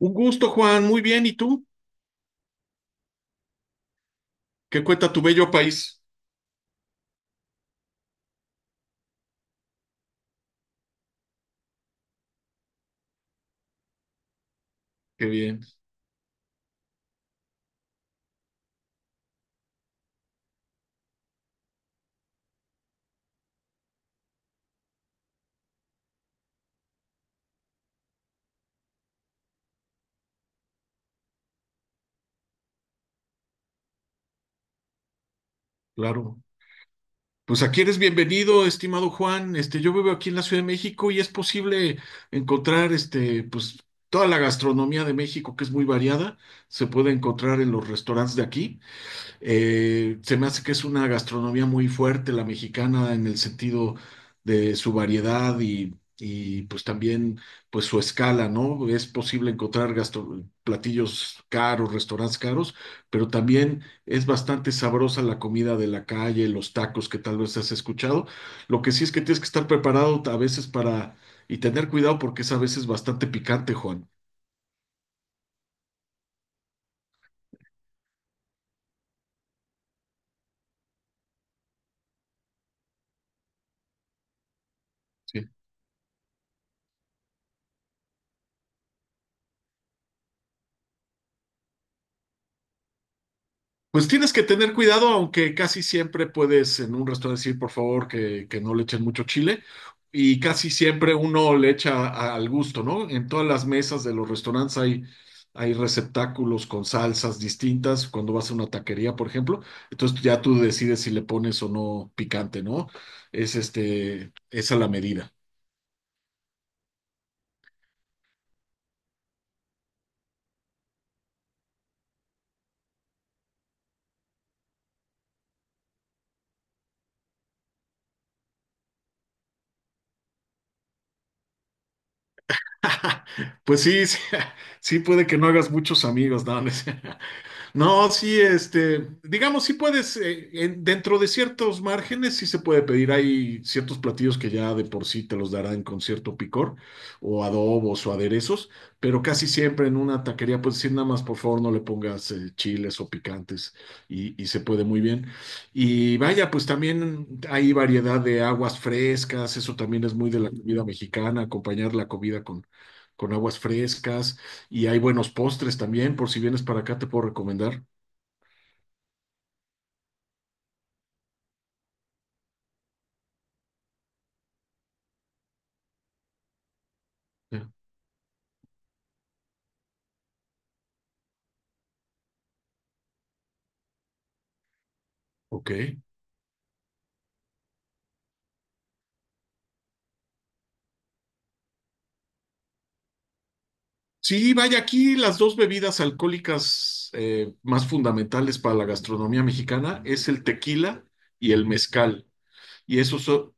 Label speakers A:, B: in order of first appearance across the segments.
A: Un gusto, Juan. Muy bien. ¿Y tú? ¿Qué cuenta tu bello país? Qué bien, claro. Pues aquí eres bienvenido, estimado Juan. Yo vivo aquí en la Ciudad de México y es posible encontrar, pues toda la gastronomía de México, que es muy variada, se puede encontrar en los restaurantes de aquí. Se me hace que es una gastronomía muy fuerte la mexicana en el sentido de su variedad y pues también pues su escala, ¿no? Es posible encontrar platillos caros, restaurantes caros, pero también es bastante sabrosa la comida de la calle, los tacos que tal vez has escuchado. Lo que sí es que tienes que estar preparado a veces para y tener cuidado porque es a veces bastante picante, Juan. Sí. Pues tienes que tener cuidado, aunque casi siempre puedes en un restaurante decir, por favor, que no le echen mucho chile. Y casi siempre uno le echa al gusto, ¿no? En todas las mesas de los restaurantes hay receptáculos con salsas distintas cuando vas a una taquería, por ejemplo. Entonces ya tú decides si le pones o no picante, ¿no? Es esa la medida. Pues sí, sí, sí puede que no hagas muchos amigos, ¿no? No, sí, digamos, sí puedes, dentro de ciertos márgenes, sí se puede pedir. Hay ciertos platillos que ya de por sí te los darán con cierto picor, o adobos o aderezos, pero casi siempre en una taquería puedes decir nada más, por favor, no le pongas chiles o picantes, y se puede muy bien. Y vaya, pues también hay variedad de aguas frescas, eso también es muy de la comida mexicana, acompañar la comida con aguas frescas. Y hay buenos postres también, por si vienes para acá, te puedo recomendar. Ya. Ok. Sí, vaya, aquí las dos bebidas alcohólicas más fundamentales para la gastronomía mexicana es el tequila y el mezcal. Y esos son-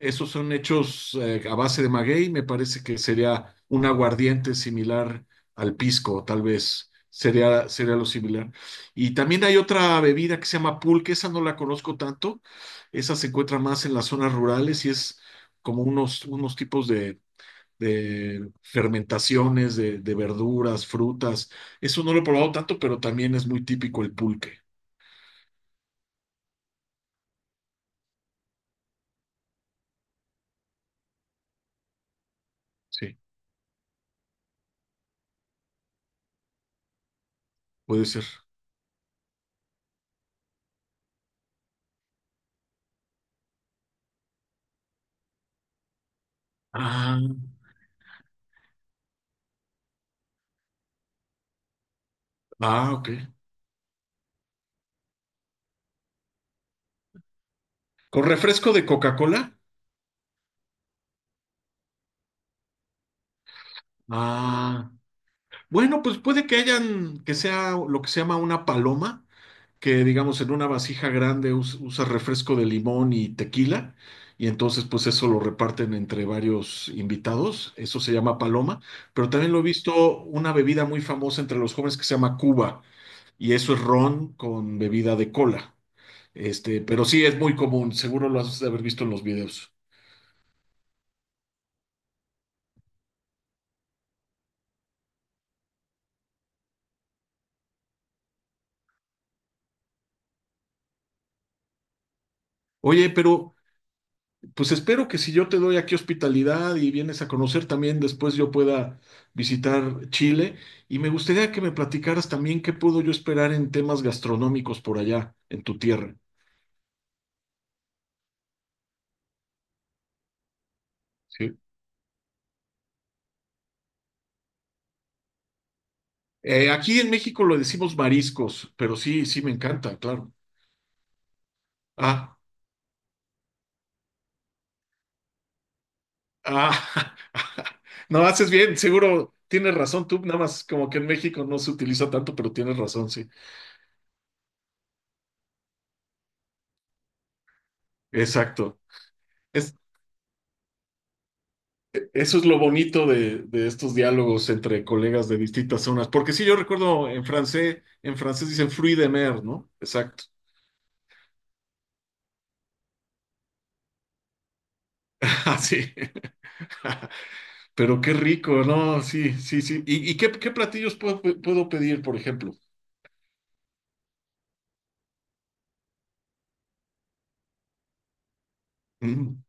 A: Esos son hechos a base de maguey, me parece que sería un aguardiente similar al pisco, tal vez sería lo similar. Y también hay otra bebida que se llama pulque, esa no la conozco tanto, esa se encuentra más en las zonas rurales y es como unos tipos de fermentaciones de verduras, frutas. Eso no lo he probado tanto, pero también es muy típico el pulque. Sí, puede ser. Ah, ah, ok. ¿Con refresco de Coca-Cola? Ah, bueno, pues puede que hayan, que sea lo que se llama una paloma, que digamos en una vasija grande usa refresco de limón y tequila, y entonces pues eso lo reparten entre varios invitados, eso se llama paloma, pero también lo he visto una bebida muy famosa entre los jóvenes que se llama Cuba, y eso es ron con bebida de cola. Pero sí es muy común, seguro lo has de haber visto en los videos. Oye, pero Pues espero que si yo te doy aquí hospitalidad y vienes a conocer también, después yo pueda visitar Chile. Y me gustaría que me platicaras también qué puedo yo esperar en temas gastronómicos por allá, en tu tierra. Sí. Aquí en México lo decimos mariscos, pero sí, sí me encanta, claro. Ah, ah, no, haces bien, seguro tienes razón tú, nada más como que en México no se utiliza tanto, pero tienes razón, sí. Exacto. Es, eso es lo bonito de estos diálogos entre colegas de distintas zonas, porque sí, yo recuerdo en francés dicen fruit de mer, ¿no? Exacto. Así. Pero qué rico, ¿no? Sí, sí, sí. ¿Y qué platillos puedo pedir, por ejemplo? Mm.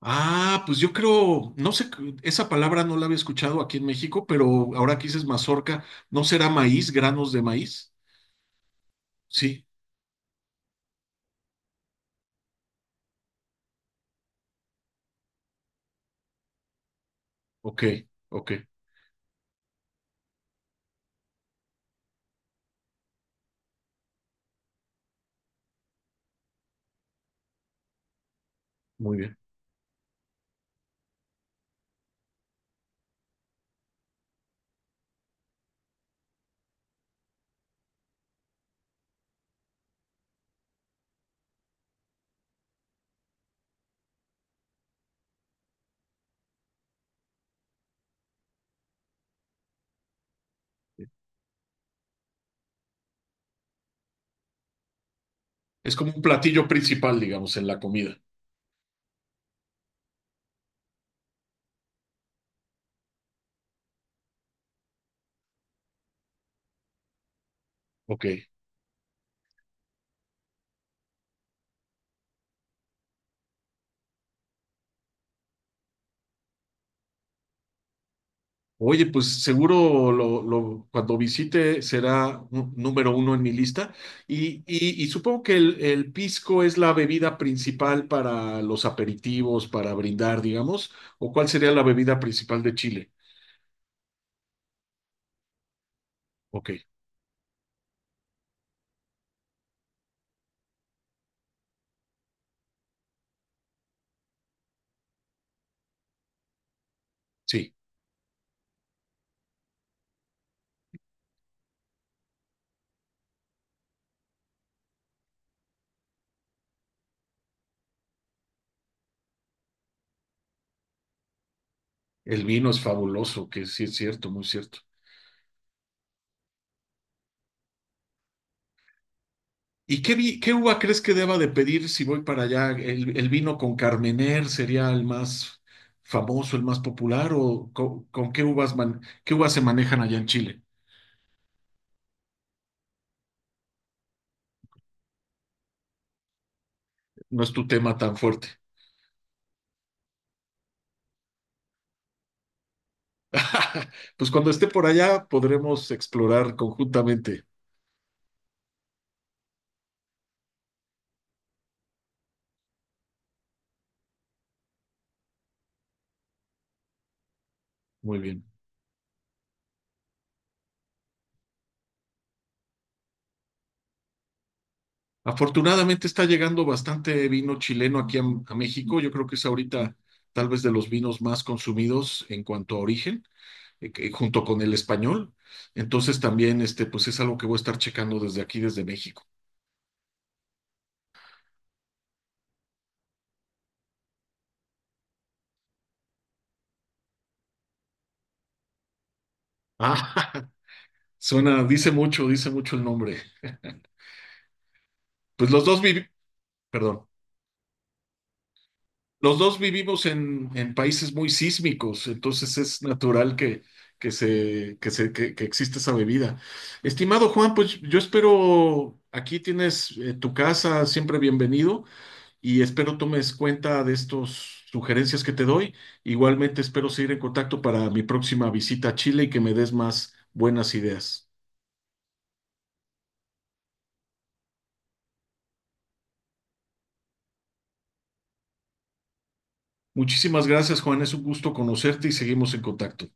A: Ah, pues yo creo, no sé, esa palabra no la había escuchado aquí en México, pero ahora que dices mazorca, ¿no será maíz, granos de maíz? Sí, ok, ok, muy bien. Es como un platillo principal, digamos, en la comida. Ok. Oye, pues seguro cuando visite será número uno en mi lista. Y supongo que el pisco es la bebida principal para los aperitivos, para brindar, digamos. ¿O cuál sería la bebida principal de Chile? Ok, sí. El vino es fabuloso, que sí es cierto, muy cierto. ¿Y qué, qué uva crees que deba de pedir si voy para allá? El vino con Carmener sería el más famoso, el más popular? ¿O qué uvas qué uvas se manejan allá en Chile? No es tu tema tan fuerte. Pues cuando esté por allá podremos explorar conjuntamente. Muy bien. Afortunadamente está llegando bastante vino chileno aquí a México. Yo creo que es ahorita tal vez de los vinos más consumidos en cuanto a origen. Junto con el español. Entonces también, pues es algo que voy a estar checando desde aquí, desde México. Ah, suena, dice mucho el nombre. Pues perdón, los dos vivimos en países muy sísmicos, entonces es natural que, que exista esa bebida. Estimado Juan, pues yo espero, aquí tienes tu casa, siempre bienvenido. Y espero tomes cuenta de estas sugerencias que te doy. Igualmente espero seguir en contacto para mi próxima visita a Chile y que me des más buenas ideas. Muchísimas gracias, Juan. Es un gusto conocerte y seguimos en contacto.